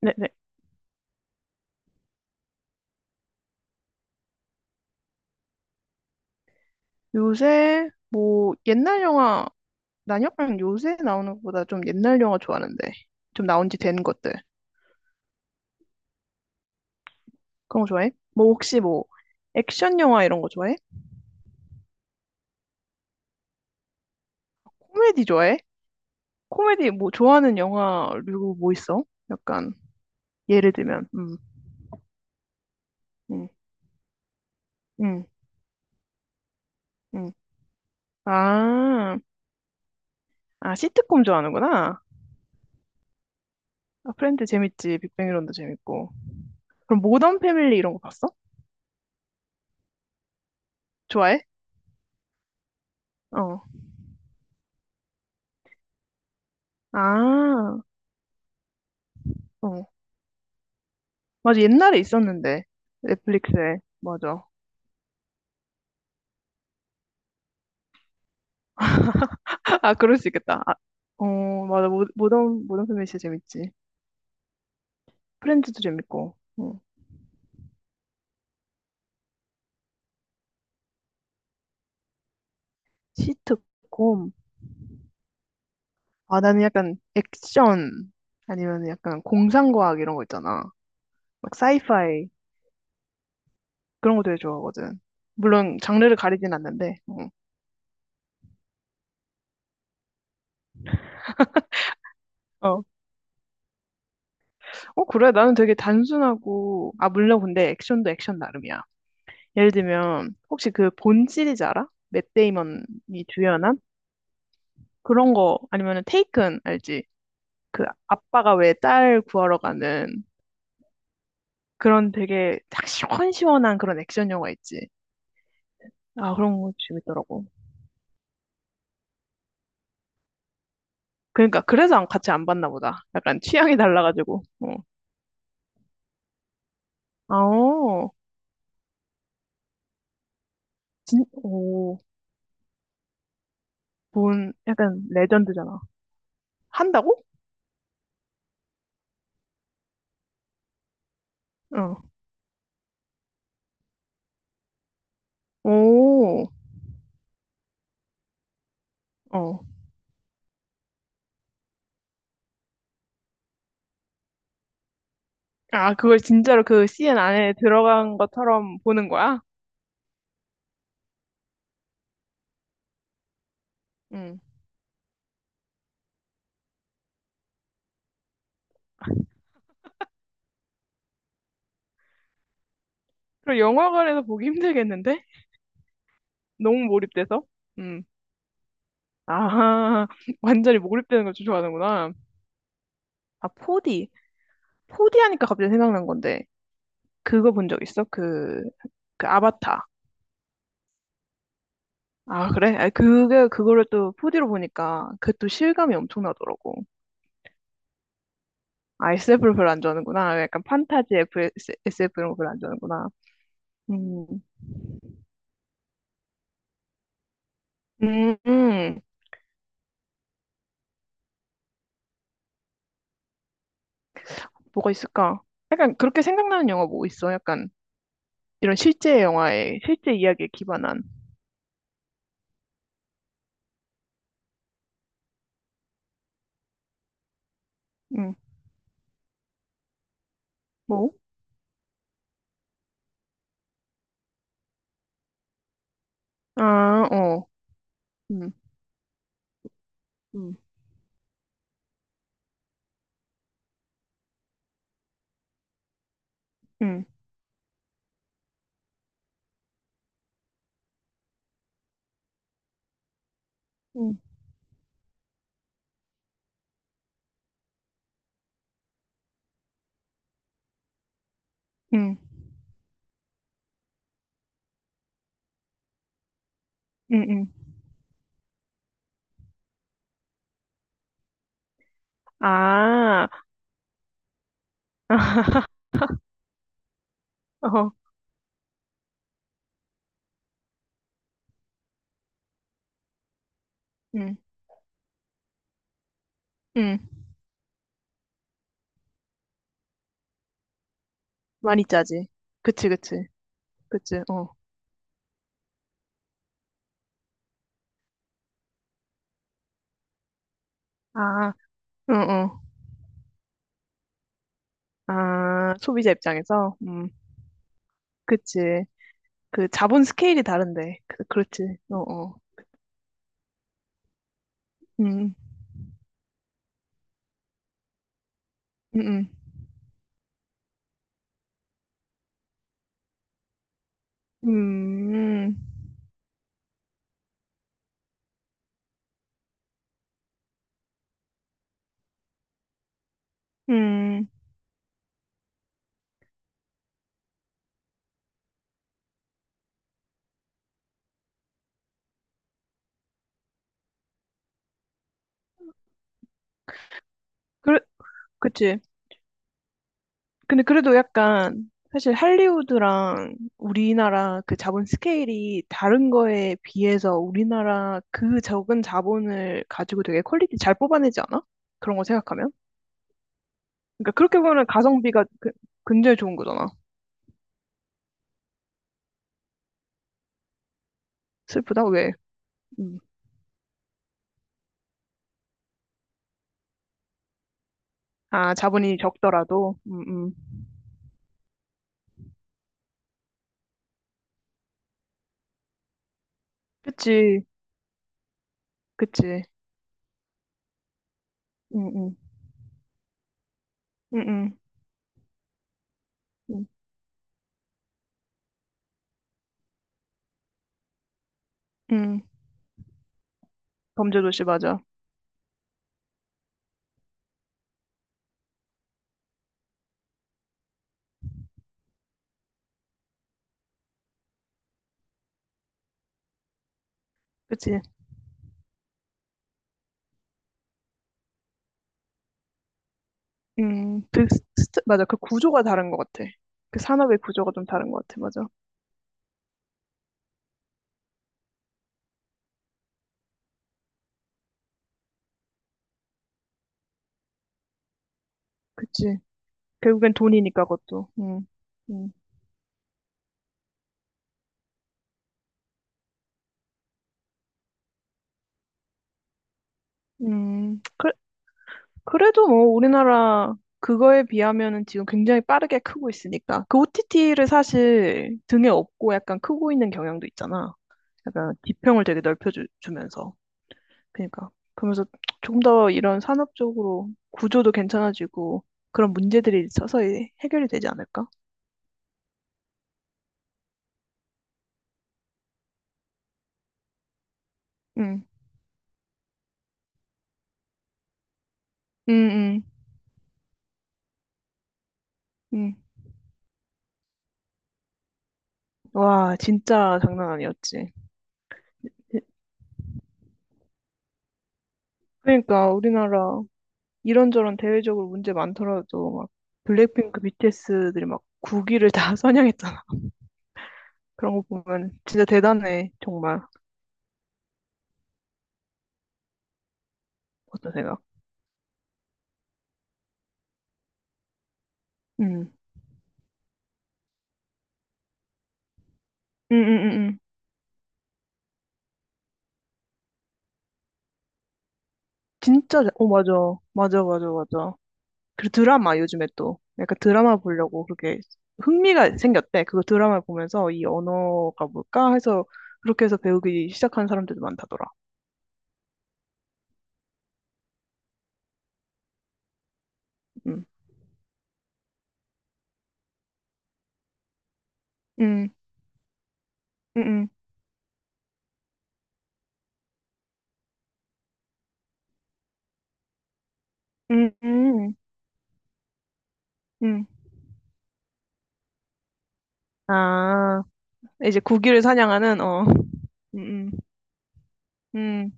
네네. 요새 뭐 옛날 영화 난영랑 요새 나오는 것보다 좀 옛날 영화 좋아하는데 좀 나온 지 된 것들 그런 거 좋아해? 뭐 혹시 뭐 액션 영화 이런 거 좋아해? 코미디 좋아해? 코미디 뭐 좋아하는 영화류 뭐 있어? 약간 예를 들면 음, 음, 음. 아, 아 시트콤 좋아하는구나. 아 프렌드 재밌지. 빅뱅 이론도 재밌고. 그럼 모던 패밀리 이런 거 봤어? 좋아해? 어. 아, 어. 맞아, 옛날에 있었는데. 넷플릭스에. 맞아. 아, 그럴 수 있겠다. 아, 어, 맞아. 모던 패밀리 진짜 재밌지. 프렌즈도 재밌고. 응. 시트콤. 아, 나는 약간 액션, 아니면 약간 공상과학 이런 거 있잖아. 막 사이파이. 그런 거 되게 좋아하거든. 물론 장르를 가리진 않는데. 응. 어. 어, 그래. 나는 되게 단순하고, 아, 물론 근데 액션도 액션 나름이야. 예를 들면, 혹시 그 본 시리즈 알아? 맷 데이먼이 주연한? 그런 거 아니면은 테이큰 알지? 그 아빠가 왜 딸 구하러 가는 그런 되게 딱 시원시원한 그런 액션 영화 있지. 아, 그런 거 재밌더라고. 그러니까 그래서 같이 안 봤나 보다. 약간 취향이 달라가지고. 어. 아오. 오. 본 약간 레전드잖아. 한다고? 어. 오. 어. 아, 그걸 진짜로 그 CN 안에 들어간 것처럼 보는 거야? 응. 그럼 영화관에서 보기 힘들겠는데? 너무 몰입돼서? 음. 아, 완전히 몰입되는 걸 좋아하는구나. 아, 4D. 4D 하니까 갑자기 생각난 건데, 그거 본 적 있어? 그 아바타. 아, 그래? 그거를 또 4D로 보니까, 그 또 실감이 엄청나더라고. 아, SF를 별로 안 좋아하는구나. 약간 판타지 SF 이런 거 별로 안 좋아하는구나. 음, 음, 음. 뭐가 있을까? 약간 그렇게 생각나는 영화 뭐 있어? 약간 이런 실제 영화에, 실제 이야기에 기반한. 음, 뭐? 아, 어. 음, 음, 음. 음. 응, 응, 응. 아, 어, 응, 응. 많이 짜지. 그치, 그치, 그치, 어. 아, 응, 응. 아, 소비자 입장에서? 그치. 그 자본 스케일이 다른데. 그렇지, 어, 어. 음, 음, 음, 음, 음. 그, 그치. 근데 그래도 약간 사실 할리우드랑 우리나라 그 자본 스케일이 다른 거에 비해서 우리나라 그 적은 자본을 가지고 되게 퀄리티 잘 뽑아내지 않아? 그런 거 생각하면? 그러니까 그렇게 보면 가성비가 굉장히 좋은 거잖아. 슬프다? 왜? 음. 아, 자본이 적더라도. 그치, 그치. 음, 음, 음, 음, 음. 음. 범죄도시 맞아. 그치. 음, 그, 스- 맞아. 그 구조가 다른 것 같아. 그 산업의 구조가 좀 다른 것 같아. 맞아. 그치. 결국엔 돈이니까 그것도. 음. 음. 음. 그래도 뭐 우리나라 그거에 비하면은 지금 굉장히 빠르게 크고 있으니까. 그 OTT를 사실 등에 업고 약간 크고 있는 경향도 있잖아. 약간 지평을 되게 넓혀주면서. 그러니까. 그러면서 조금 더 이런 산업적으로 구조도 괜찮아지고 그런 문제들이 서서히 해결이 되지 않을까? 음. 음, 음, 음. 와, 진짜 장난 아니었지. 그러니까 우리나라 이런저런 대외적으로 문제 많더라도 막 블랙핑크 BTS들이 막 국위를 다 선양했잖아. 그런 거 보면 진짜 대단해. 정말. 어떠세요? 음. 음, 음, 음, 음. 어 맞아. 맞아, 맞아, 맞아. 그리고 드라마 요즘에 또 약간 드라마 보려고 그렇게 흥미가 생겼대. 그거 드라마 보면서 이 언어가 뭘까 해서 그렇게 해서 배우기 시작한 사람들도 많다더라. 음. 음. 음. 음. 음. 음. 음. 아, 이제 국기를 사냥하는 어. 음. 음. 음,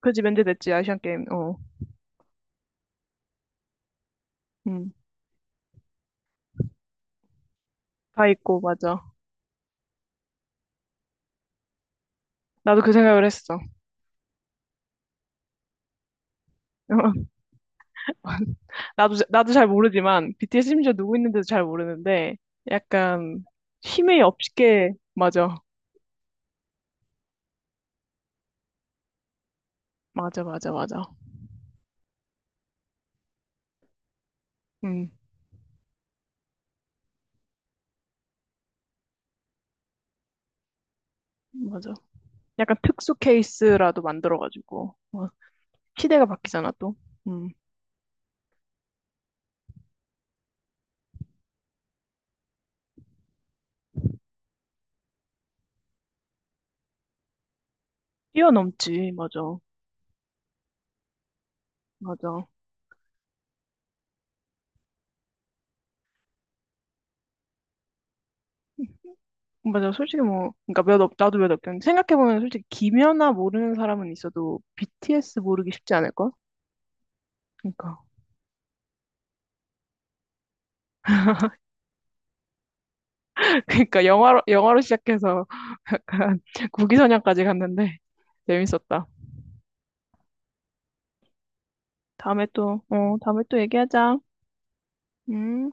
그지 면제됐지 아시안 게임. 어, 음, 다 있고 맞아. 나도 그 생각을 했어. 나도 잘 모르지만 BTS 심지어 누구 있는지도 잘 모르는데 약간 힘이 없게 맞아, 맞아, 맞아, 맞아. 음, 맞아. 약간 특수 케이스라도 만들어가지고 막 시대가 바뀌잖아 또. 음, 뛰어넘지 맞아, 맞아. 맞아, 솔직히 뭐, 그러니까 나도 몇 없긴. 생각해보면 솔직히 김연아 모르는 사람은 있어도 BTS 모르기 쉽지 않을걸? 그러니까. 그러니까 영화로 시작해서 약간 구기선양까지 갔는데 재밌었다. 다음에 또, 어, 다음에 또 얘기하자. 음.